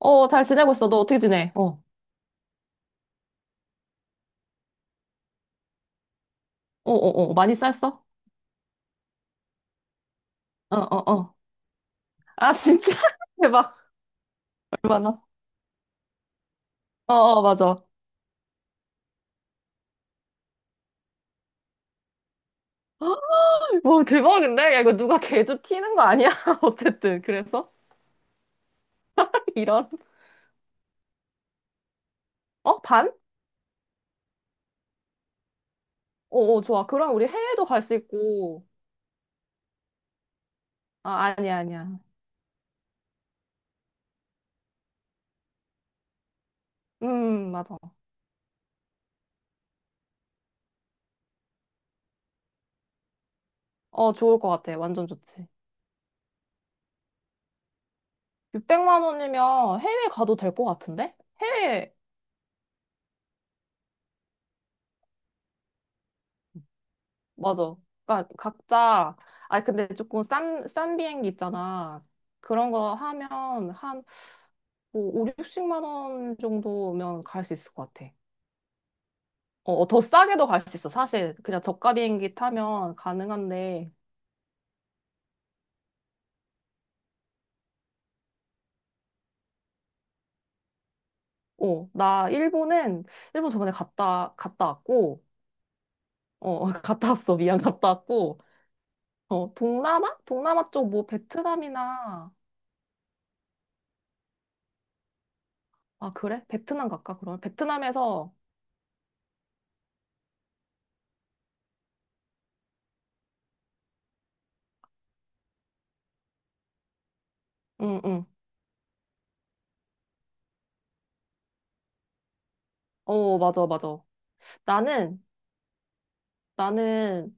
어, 잘 지내고 있어. 너 어떻게 지내? 어, 어, 어, 어. 많이 쌌어? 어, 어, 어. 아, 진짜? 대박. 얼마나? 어, 어, 맞아. 와, 대박인데? 야, 이거 누가 개주 튀는 거 아니야? 어쨌든. 그래서? 이런. 어, 반? 어, 어, 좋아. 그럼 우리 해외도 갈 수 있고. 아, 아니야, 아니야. 맞아. 어, 좋을 것 같아. 완전 좋지. 600만 원이면 해외 가도 될 것 같은데? 해외. 맞아. 그러니까 각자. 아 근데 조금 싼 비행기 있잖아. 그런 거 하면 한뭐 5, 60만 원 정도면 갈 수 있을 것 같아. 어, 어, 더 싸게도 갈 수 있어. 사실 그냥 저가 비행기 타면 가능한데. 어, 나 일본은, 일본 저번에 갔다 왔고. 어, 갔다 왔어. 미안. 갔다 왔고. 어, 동남아? 동남아 쪽 뭐 베트남이나. 아, 그래? 베트남 갈까? 그러면 베트남에서. 응, 응. 어, 맞아, 맞아. 나는 나는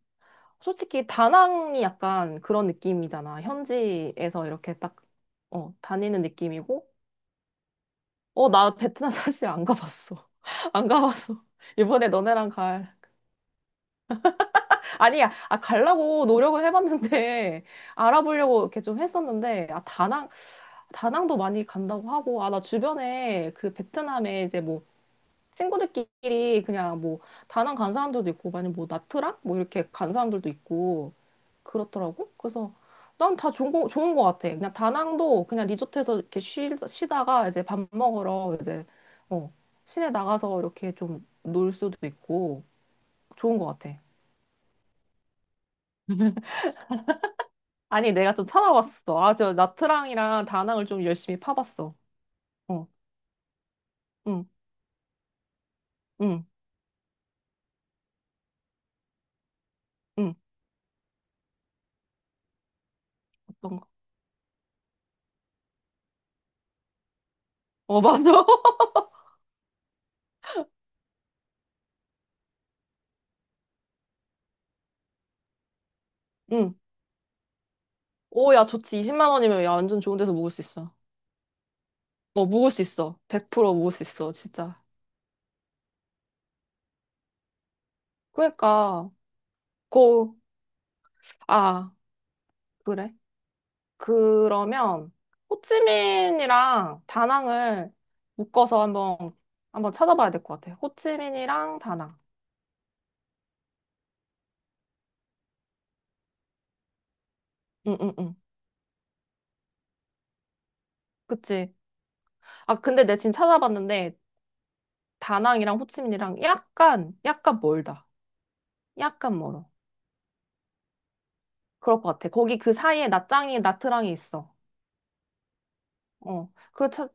솔직히 다낭이 약간 그런 느낌이잖아. 현지에서 이렇게 딱, 어, 다니는 느낌이고. 어, 나 베트남 사실 안 가봤어. 안 가봤어. 이번에 너네랑 갈. 아니야, 아, 가려고 노력을 해봤는데, 알아보려고 이렇게 좀 했었는데, 아, 다낭, 다낭도 많이 간다고 하고, 아, 나 주변에 그 베트남에 이제 뭐, 친구들끼리 그냥 뭐, 다낭 간 사람들도 있고, 아니면 뭐, 나트랑? 뭐, 이렇게 간 사람들도 있고, 그렇더라고. 그래서 난 다 좋은 거, 좋은 거 같아. 그냥 다낭도 그냥 리조트에서 이렇게 쉬다가 이제 밥 먹으러 이제, 어, 시내 나가서 이렇게 좀 놀 수도 있고 좋은 거 같아. 아니, 내가 좀 찾아봤어. 아, 저 나트랑이랑 다낭을 좀 열심히 파봤어. 어, 응, 응, 응. 어떤 거? 어, 맞아. 응. 오, 야, 좋지. 20만 원이면 야, 완전 좋은 데서 묵을 수 있어. 어, 묵을 수 있어. 100% 묵을 수 있어, 진짜. 그러니까, 고, 아, 그래? 그러면 호치민이랑 다낭을 묶어서 한번, 한번 찾아봐야 될 것 같아. 호치민이랑 다낭. 응응응. 그치. 아 근데 내 지금 찾아봤는데 다낭이랑 호치민이랑 약간 멀다. 약간 멀어. 그럴 것 같아. 거기 그 사이에 나짱이 나트랑이 있어. 어. 그렇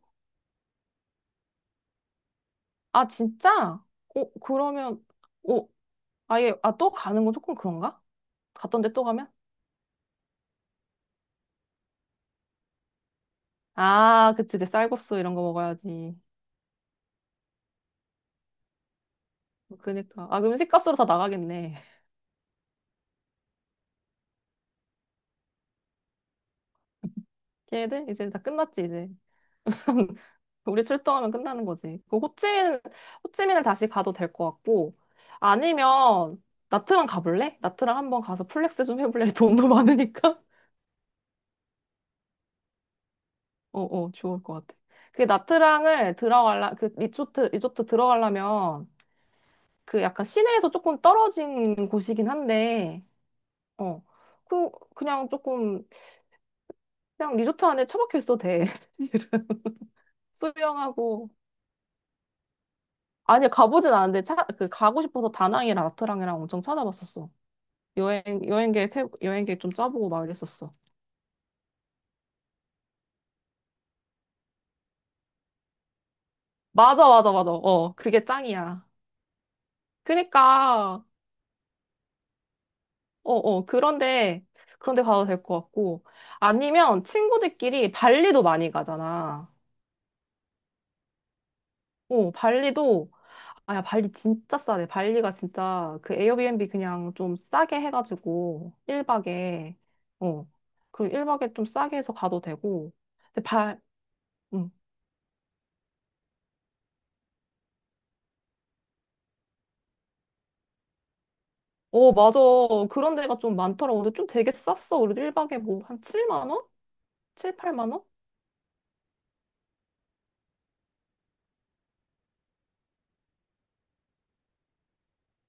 아 진짜? 어 그러면, 어 아예, 아 또 가는 건 조금 그런가? 갔던데 또 가면? 아 그치 이제 쌀국수 이런 거 먹어야지. 그니까. 아, 그럼 식값으로 다 나가겠네. 걔네들? 이제 다 끝났지, 이제. 우리 출동하면 끝나는 거지. 그 호찌민, 호찌민은 다시 가도 될 것 같고, 아니면, 나트랑 가볼래? 나트랑 한번 가서 플렉스 좀 해볼래? 돈도 많으니까? 어, 어, 좋을 것 같아. 그 나트랑을 들어갈라, 그 리조트, 리조트 들어가려면, 그 약간 시내에서 조금 떨어진 곳이긴 한데, 어. 그, 그냥 조금, 그냥 리조트 안에 처박혀 있어도 돼. 사실은. 수영하고, 아니, 가보진 않았는데, 차, 그, 가고 싶어서 다낭이랑 나트랑이랑 엄청 찾아봤었어. 여행, 여행 계획, 해- 여행 계획 좀 짜보고 막 이랬었어. 맞아, 맞아, 맞아. 어, 그게 짱이야. 그니까, 어, 어, 그런데 가도 될 것 같고. 아니면 친구들끼리 발리도 많이 가잖아. 어, 발리도, 아, 야, 발리 진짜 싸네. 발리가 진짜 그 에어비앤비 그냥 좀 싸게 해가지고, 1박에, 어, 그리고 일박에 좀 싸게 해서 가도 되고. 근데 발, 음. 어, 맞아. 그런 데가 좀 많더라고. 근데 좀 되게 쌌어. 우리 1박에 뭐 한 7만 원? 7, 8만 원?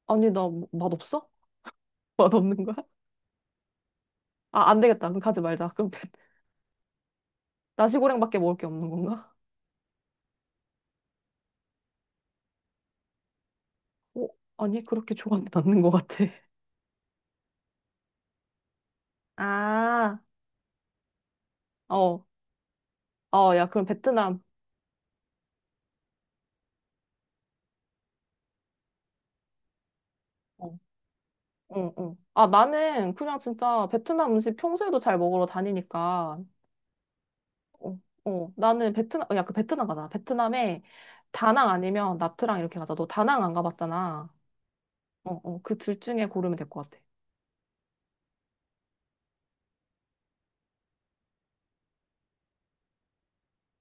아니, 나 뭐, 맛없어? 맛없는 거야? 아, 안 되겠다. 그럼 가지 말자. 그럼 나시고랭밖에 먹을 게 없는 건가? 어, 아니, 그렇게 좋아하는 않는 것 같아. 아, 어, 어, 야, 그럼 베트남. 어, 응, 응. 아, 나는 그냥 진짜 베트남 음식 평소에도 잘 먹으러 다니니까. 어, 어, 나는 베트남, 어, 야, 그 베트남 가자. 베트남에 다낭 아니면 나트랑 이렇게 가자. 너 다낭 안 가봤잖아. 어, 어, 그 둘 중에 고르면 될 것 같아.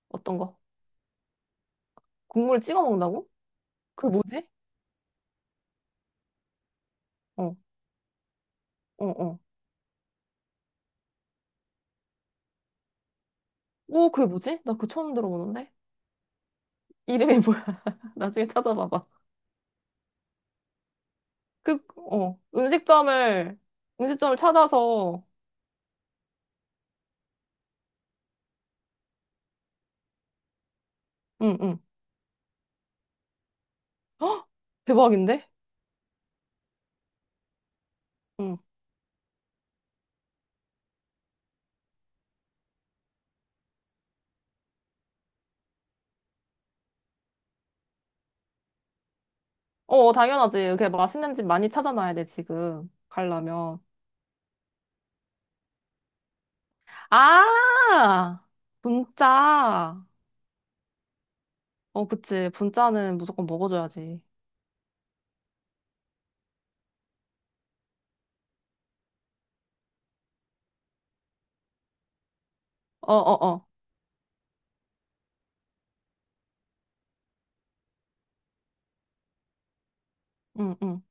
어떤 거? 국물 찍어 먹는다고? 그게 뭐지? 어, 어, 어. 오, 그게 뭐지? 나 그거 처음 들어보는데? 이름이 뭐야? 나중에 찾아봐봐. 그, 어, 음식점을, 음식점을 찾아서, 응, 응. 헉, 대박인데? 응. 어, 당연하지. 이렇게 맛있는 집 많이 찾아놔야 돼, 지금. 가려면. 아! 분짜. 어, 그치. 분짜는 무조건 먹어줘야지. 어, 어, 어. 응, 응.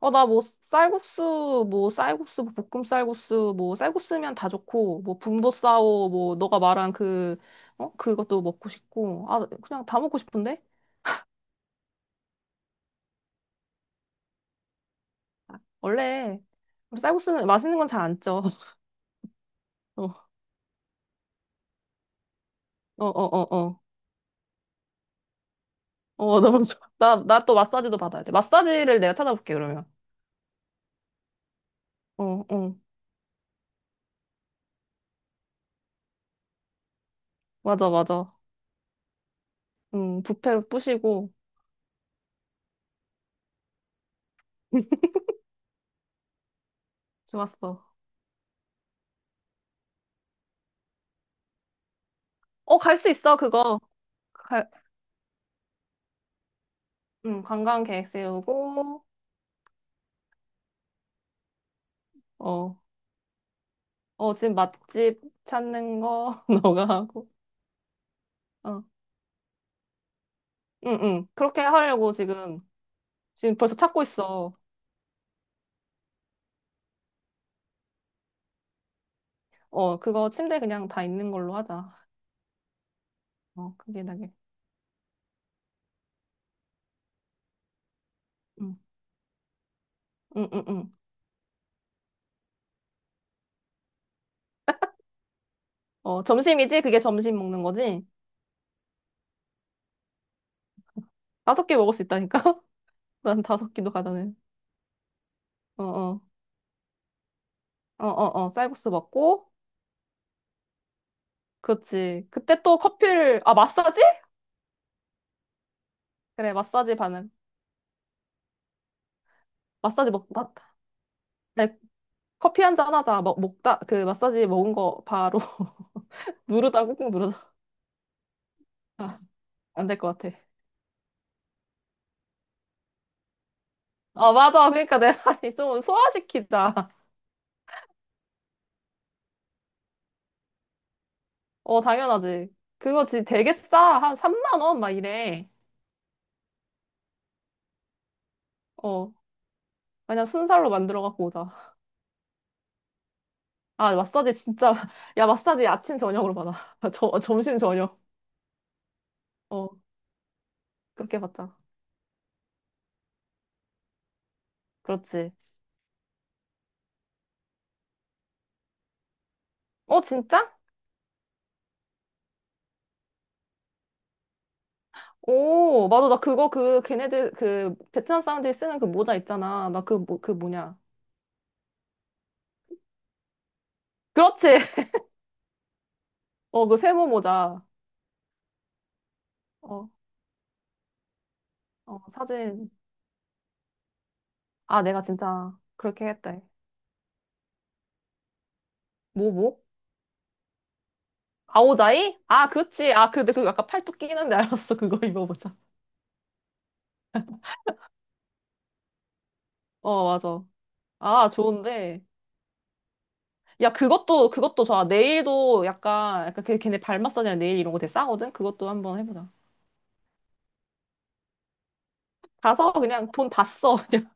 어, 나 뭐 쌀국수, 뭐 쌀국수, 뭐 볶음 쌀국수, 뭐 쌀국수면 다 좋고, 뭐 분보싸오, 뭐 너가 말한 그, 어? 그것도 먹고 싶고. 아, 그냥 다 먹고 싶은데? 원래 우리 쌀국수는 맛있는 건 잘 안 쪄. 어, 어, 어, 어, 어. 어, 너무 좋아. 나, 나 또 마사지도 받아야 돼. 마사지를 내가 찾아볼게, 그러면. 어, 어. 맞아, 맞아. 뷔페로 부시고. 좋았어. 어, 갈 수 있어, 그거. 갈, 응 관광 계획 세우고, 어. 어, 지금 맛집 찾는 거 너가 하고. 어. 응, 응. 그렇게 하려고 지금, 지금 벌써 찾고 있어. 어, 그거 침대 그냥 다 있는 걸로 하자. 어, 그게 나게. 응. 응, 응, 응. 어, 점심이지? 그게 점심 먹는 거지? 다섯 개 먹을 수 있다니까? 난 다섯 끼도 가다는. 어, 어. 어, 어, 어. 쌀국수 먹고. 그렇지. 그때 또 커피를, 아, 마사지? 그래. 마사지 반응. 마사지 먹 마... 아니, 커피 한 잔 하자. 먹, 먹다 그 마사지 먹은 거 바로 누르다 꾹꾹 누르다. 아. 안 될 것 같아. 아, 맞아. 그러니까 내 말이 좀 소화시키자. 어, 당연하지. 그거 지 되게 싸. 한 3만 원 막 이래. 어, 그냥 순살로 만들어 갖고 오자. 아, 마사지 진짜. 야, 마사지 아침 저녁으로 받아. 저, 점심 저녁. 어, 그렇게 받자. 그렇지. 어, 진짜? 오, 맞아. 나 그거 그 걔네들 그 베트남 사람들이 쓰는 그 모자 있잖아. 나 그 뭐, 그 뭐냐. 그렇지. 어, 그 세모 모자. 어, 어, 사진. 아, 내가 진짜 그렇게 했대. 뭐, 뭐? 아오자이? 아, 그치. 아, 그, 근데 그거 약간 팔뚝 끼는데 알았어. 그거 입어보자. 어, 맞아. 아, 좋은데. 야, 그것도, 그것도 좋아. 네일도 약간, 약간 그 걔네 발 마사지랑 네일 이런 거 되게 싸거든? 그것도 한번 해보자. 가서 그냥 돈 다 써. 그냥.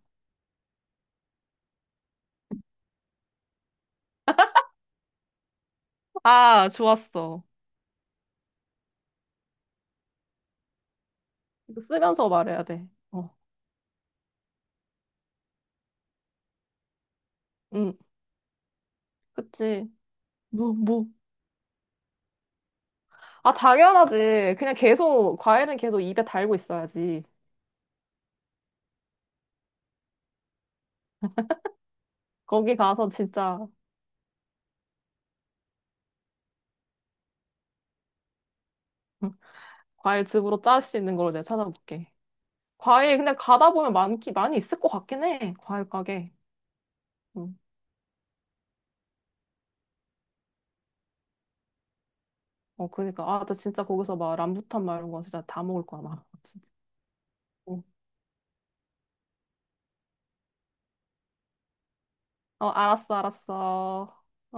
아, 좋았어. 이거 쓰면서 말해야 돼. 어, 응, 그치. 뭐, 뭐. 아, 당연하지. 그냥 계속, 과일은 계속 입에 달고 있어야지. 거기 가서 진짜 과일 즙으로 짤 수 있는 걸로 내가 찾아볼게. 과일 근데 가다 보면 많기 많이 있을 것 같긴 해. 과일 가게. 응. 어 그러니까 아 나 진짜 거기서 막 람부탄 막 이런 거 진짜 다 먹을 거야 막. 진짜. 응. 어 알았어, 알았어.